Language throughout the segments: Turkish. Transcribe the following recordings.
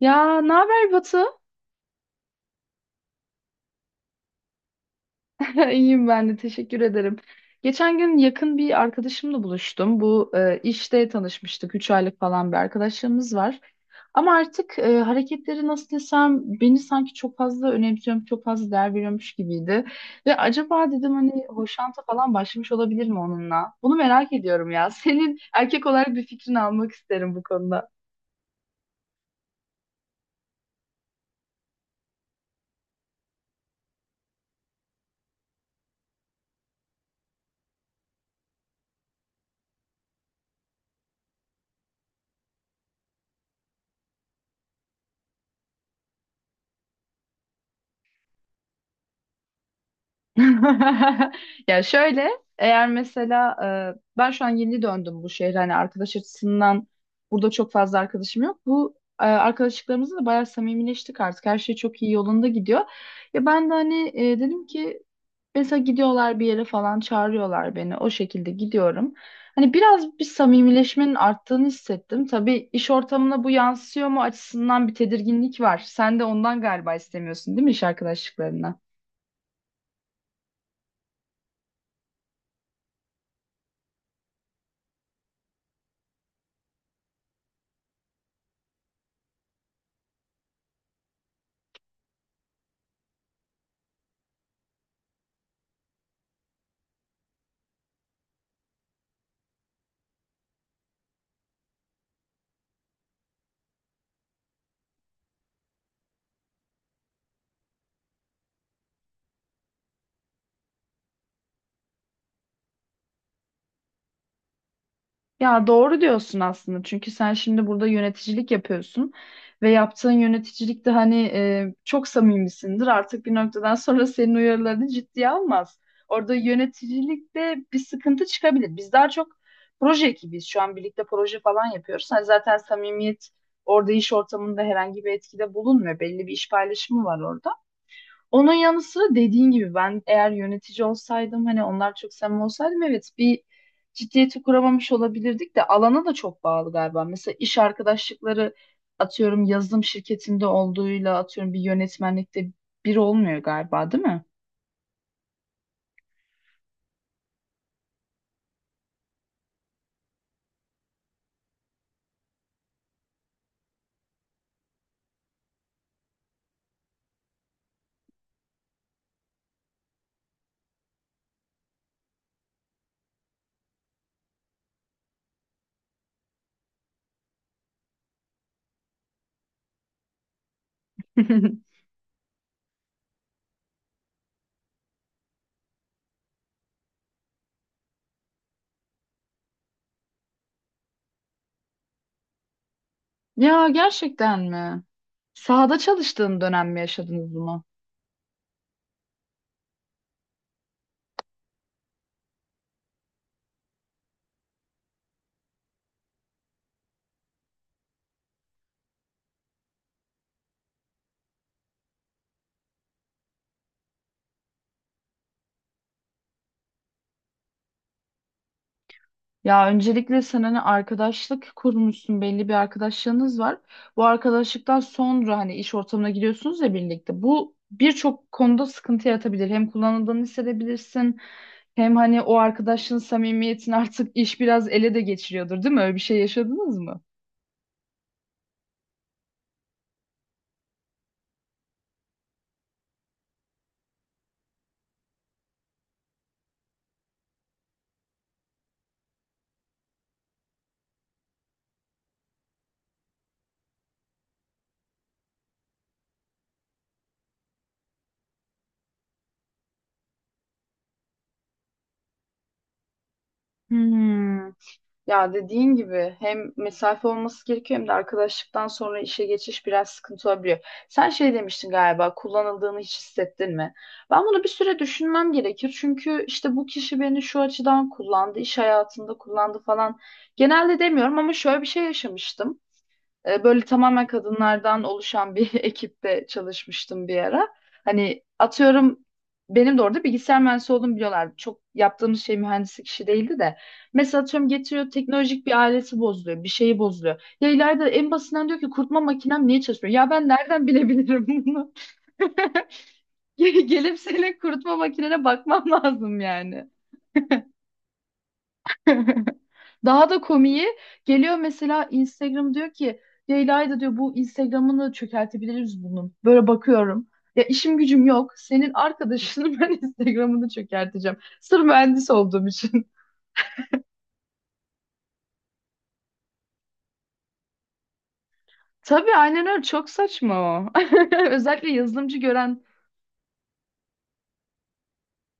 Ya ne haber Batu? İyiyim ben de teşekkür ederim. Geçen gün yakın bir arkadaşımla buluştum. Bu işte tanışmıştık. 3 aylık falan bir arkadaşlığımız var. Ama artık hareketleri nasıl desem beni sanki çok fazla önemsiyorum, çok fazla değer veriyormuş gibiydi. Ve acaba dedim hani hoşanta falan başlamış olabilir mi onunla? Bunu merak ediyorum ya. Senin erkek olarak bir fikrini almak isterim bu konuda. Ya şöyle, eğer mesela ben şu an yeni döndüm bu şehre, hani arkadaş açısından burada çok fazla arkadaşım yok. Bu arkadaşlıklarımızla da bayağı samimileştik artık. Her şey çok iyi yolunda gidiyor. Ya ben de hani dedim ki mesela gidiyorlar bir yere falan, çağırıyorlar beni. O şekilde gidiyorum. Hani biraz bir samimileşmenin arttığını hissettim. Tabii iş ortamına bu yansıyor mu açısından bir tedirginlik var. Sen de ondan galiba istemiyorsun değil mi iş arkadaşlıklarına? Ya doğru diyorsun aslında, çünkü sen şimdi burada yöneticilik yapıyorsun ve yaptığın yöneticilikte hani çok samimisindir, artık bir noktadan sonra senin uyarılarını ciddiye almaz. Orada yöneticilikte bir sıkıntı çıkabilir. Biz daha çok proje ekibiyiz, şu an birlikte proje falan yapıyoruz. Hani zaten samimiyet orada iş ortamında herhangi bir etkide bulunmuyor, belli bir iş paylaşımı var orada. Onun yanı sıra, dediğin gibi, ben eğer yönetici olsaydım, hani onlar çok samimi olsaydım, evet bir ciddiyeti kuramamış olabilirdik de alana da çok bağlı galiba. Mesela iş arkadaşlıkları atıyorum yazılım şirketinde olduğuyla atıyorum bir yönetmenlikte bir olmuyor galiba, değil mi? Ya gerçekten mi? Sahada çalıştığın dönem mi yaşadınız bunu? Ya öncelikle sen hani arkadaşlık kurmuşsun, belli bir arkadaşlığınız var. Bu arkadaşlıktan sonra hani iş ortamına giriyorsunuz ya birlikte. Bu birçok konuda sıkıntı yaratabilir. Hem kullanıldığını hissedebilirsin, hem hani o arkadaşlığın samimiyetini artık iş biraz ele de geçiriyordur, değil mi? Öyle bir şey yaşadınız mı? Hmm. Ya dediğin gibi hem mesafe olması gerekiyor, hem de arkadaşlıktan sonra işe geçiş biraz sıkıntı olabiliyor. Sen şey demiştin galiba, kullanıldığını hiç hissettin mi? Ben bunu bir süre düşünmem gerekir. Çünkü işte bu kişi beni şu açıdan kullandı, iş hayatında kullandı falan. Genelde demiyorum ama şöyle bir şey yaşamıştım. Böyle tamamen kadınlardan oluşan bir ekipte çalışmıştım bir ara. Hani atıyorum benim de orada bilgisayar mühendisi olduğumu biliyorlar. Çok yaptığımız şey mühendislik işi değildi de. Mesela atıyorum getiriyor teknolojik bir aleti, bozuluyor. Bir şeyi bozuluyor. Ya ileride, en basitinden, diyor ki kurutma makinem niye çalışmıyor? Ya ben nereden bilebilirim bunu? Gelip senin kurutma makinene bakmam lazım yani. Daha da komiği geliyor, mesela Instagram diyor ki Leyla'yı diyor bu, Instagram'ını çökertebiliriz bunun. Böyle bakıyorum. Ya işim gücüm yok. Senin arkadaşının ben Instagram'ını çökerteceğim. Sırf mühendis olduğum için. Tabii aynen öyle. Çok saçma o. Özellikle yazılımcı gören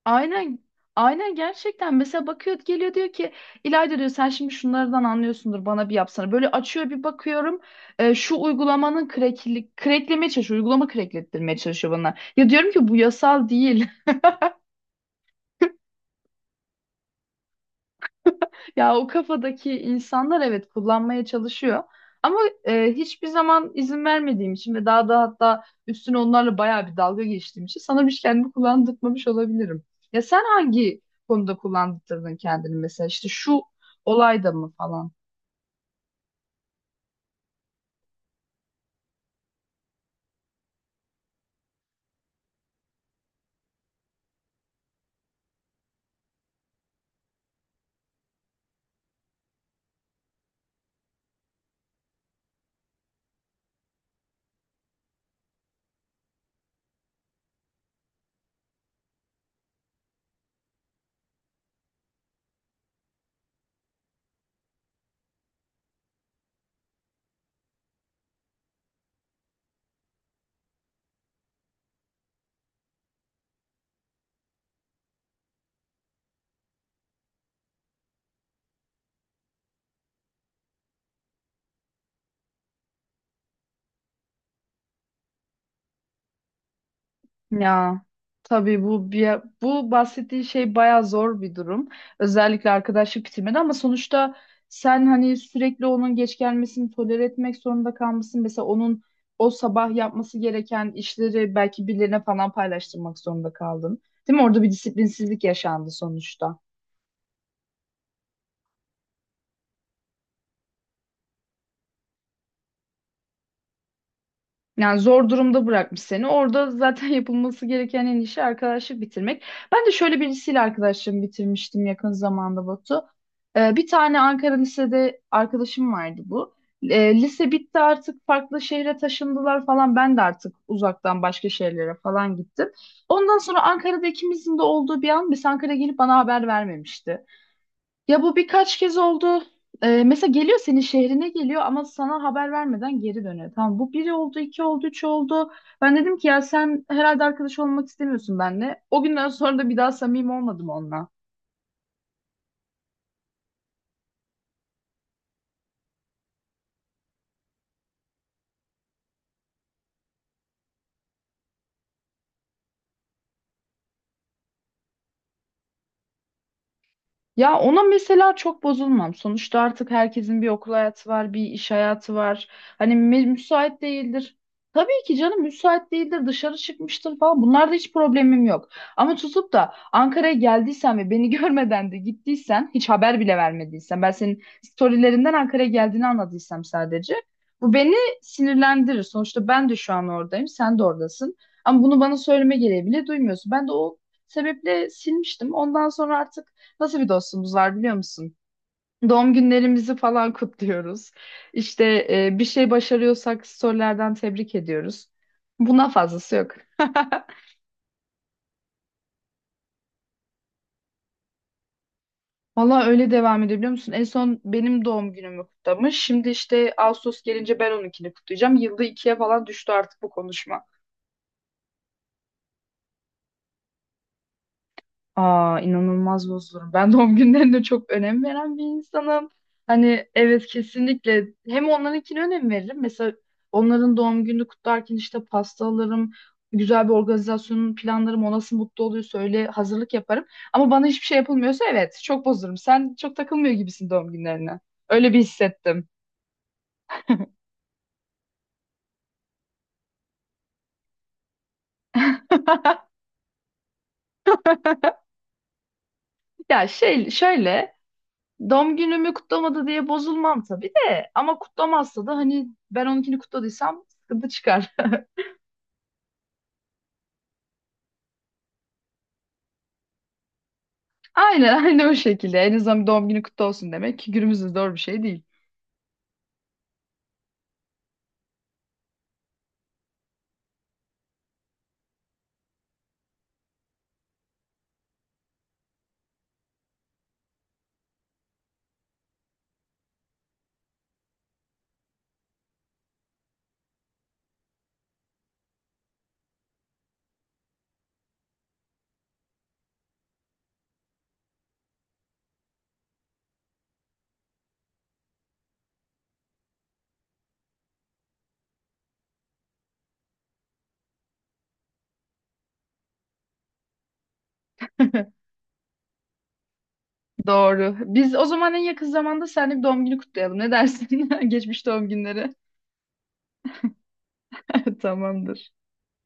aynen aynen gerçekten, mesela bakıyor, geliyor, diyor ki İlayda diyor sen şimdi şunlardan anlıyorsundur, bana bir yapsana. Böyle açıyor, bir bakıyorum şu uygulamanın kreklemeye çalışıyor uygulama, kreklettirmeye çalışıyor bana. Ya diyorum ki bu yasal değil. Ya o kafadaki insanlar, evet, kullanmaya çalışıyor. Ama hiçbir zaman izin vermediğim için ve daha da hatta üstüne onlarla bayağı bir dalga geçtiğim için, sana bir kendimi kullandırmamış olabilirim. Ya sen hangi konuda kullandırdın kendini, mesela işte şu olayda mı falan? Ya tabii bu bahsettiği şey bayağı zor bir durum. Özellikle arkadaşlık bitirmede, ama sonuçta sen hani sürekli onun geç gelmesini tolere etmek zorunda kalmışsın. Mesela onun o sabah yapması gereken işleri belki birilerine falan paylaştırmak zorunda kaldın. Değil mi? Orada bir disiplinsizlik yaşandı sonuçta. Yani zor durumda bırakmış seni. Orada zaten yapılması gereken en işi arkadaşlık bitirmek. Ben de şöyle birisiyle arkadaşlığımı bitirmiştim yakın zamanda Batu. Bir tane Ankara lisede arkadaşım vardı bu. Lise bitti, artık farklı şehre taşındılar falan. Ben de artık uzaktan başka şehirlere falan gittim. Ondan sonra Ankara'da ikimizin de olduğu bir an, biz Ankara'ya gelip bana haber vermemişti. Ya bu birkaç kez oldu. Mesela geliyor, senin şehrine geliyor ama sana haber vermeden geri dönüyor. Tamam, bu biri oldu, iki oldu, üç oldu. Ben dedim ki ya sen herhalde arkadaş olmak istemiyorsun benimle. O günden sonra da bir daha samimi olmadım onunla. Ya ona mesela çok bozulmam. Sonuçta artık herkesin bir okul hayatı var, bir iş hayatı var. Hani müsait değildir. Tabii ki canım müsait değildir, dışarı çıkmıştır falan. Bunlarda hiç problemim yok. Ama tutup da Ankara'ya geldiysen ve beni görmeden de gittiysen, hiç haber bile vermediysen, ben senin storylerinden Ankara'ya geldiğini anladıysam sadece, bu beni sinirlendirir. Sonuçta ben de şu an oradayım, sen de oradasın. Ama bunu bana söyleme gereği bile duymuyorsun. Ben de o sebeple silmiştim. Ondan sonra artık, nasıl bir dostumuz var biliyor musun? Doğum günlerimizi falan kutluyoruz. İşte bir şey başarıyorsak storylerden tebrik ediyoruz. Buna fazlası yok. Valla öyle devam ediyor biliyor musun? En son benim doğum günümü kutlamış. Şimdi işte Ağustos gelince ben onunkini kutlayacağım. Yılda ikiye falan düştü artık bu konuşma. Aa inanılmaz bozulurum. Ben doğum günlerine çok önem veren bir insanım. Hani evet, kesinlikle hem onlarınkine önem veririm. Mesela onların doğum gününü kutlarken işte pasta alırım. Güzel bir organizasyonun planlarım. O nasıl mutlu oluyorsa öyle hazırlık yaparım. Ama bana hiçbir şey yapılmıyorsa evet çok bozulurum. Sen çok takılmıyor gibisin doğum günlerine. Öyle bir hissettim. Ya şey, şöyle, doğum günümü kutlamadı diye bozulmam tabii de, ama kutlamazsa da hani ben onunkini kutladıysam sıkıntı çıkar. Aynen aynen, o şekilde. En azından doğum günü kutlu olsun demek ki günümüzde zor bir şey değil. Doğru. Biz o zaman en yakın zamanda seninle bir doğum günü kutlayalım. Ne dersin? Geçmiş doğum günleri. Tamamdır.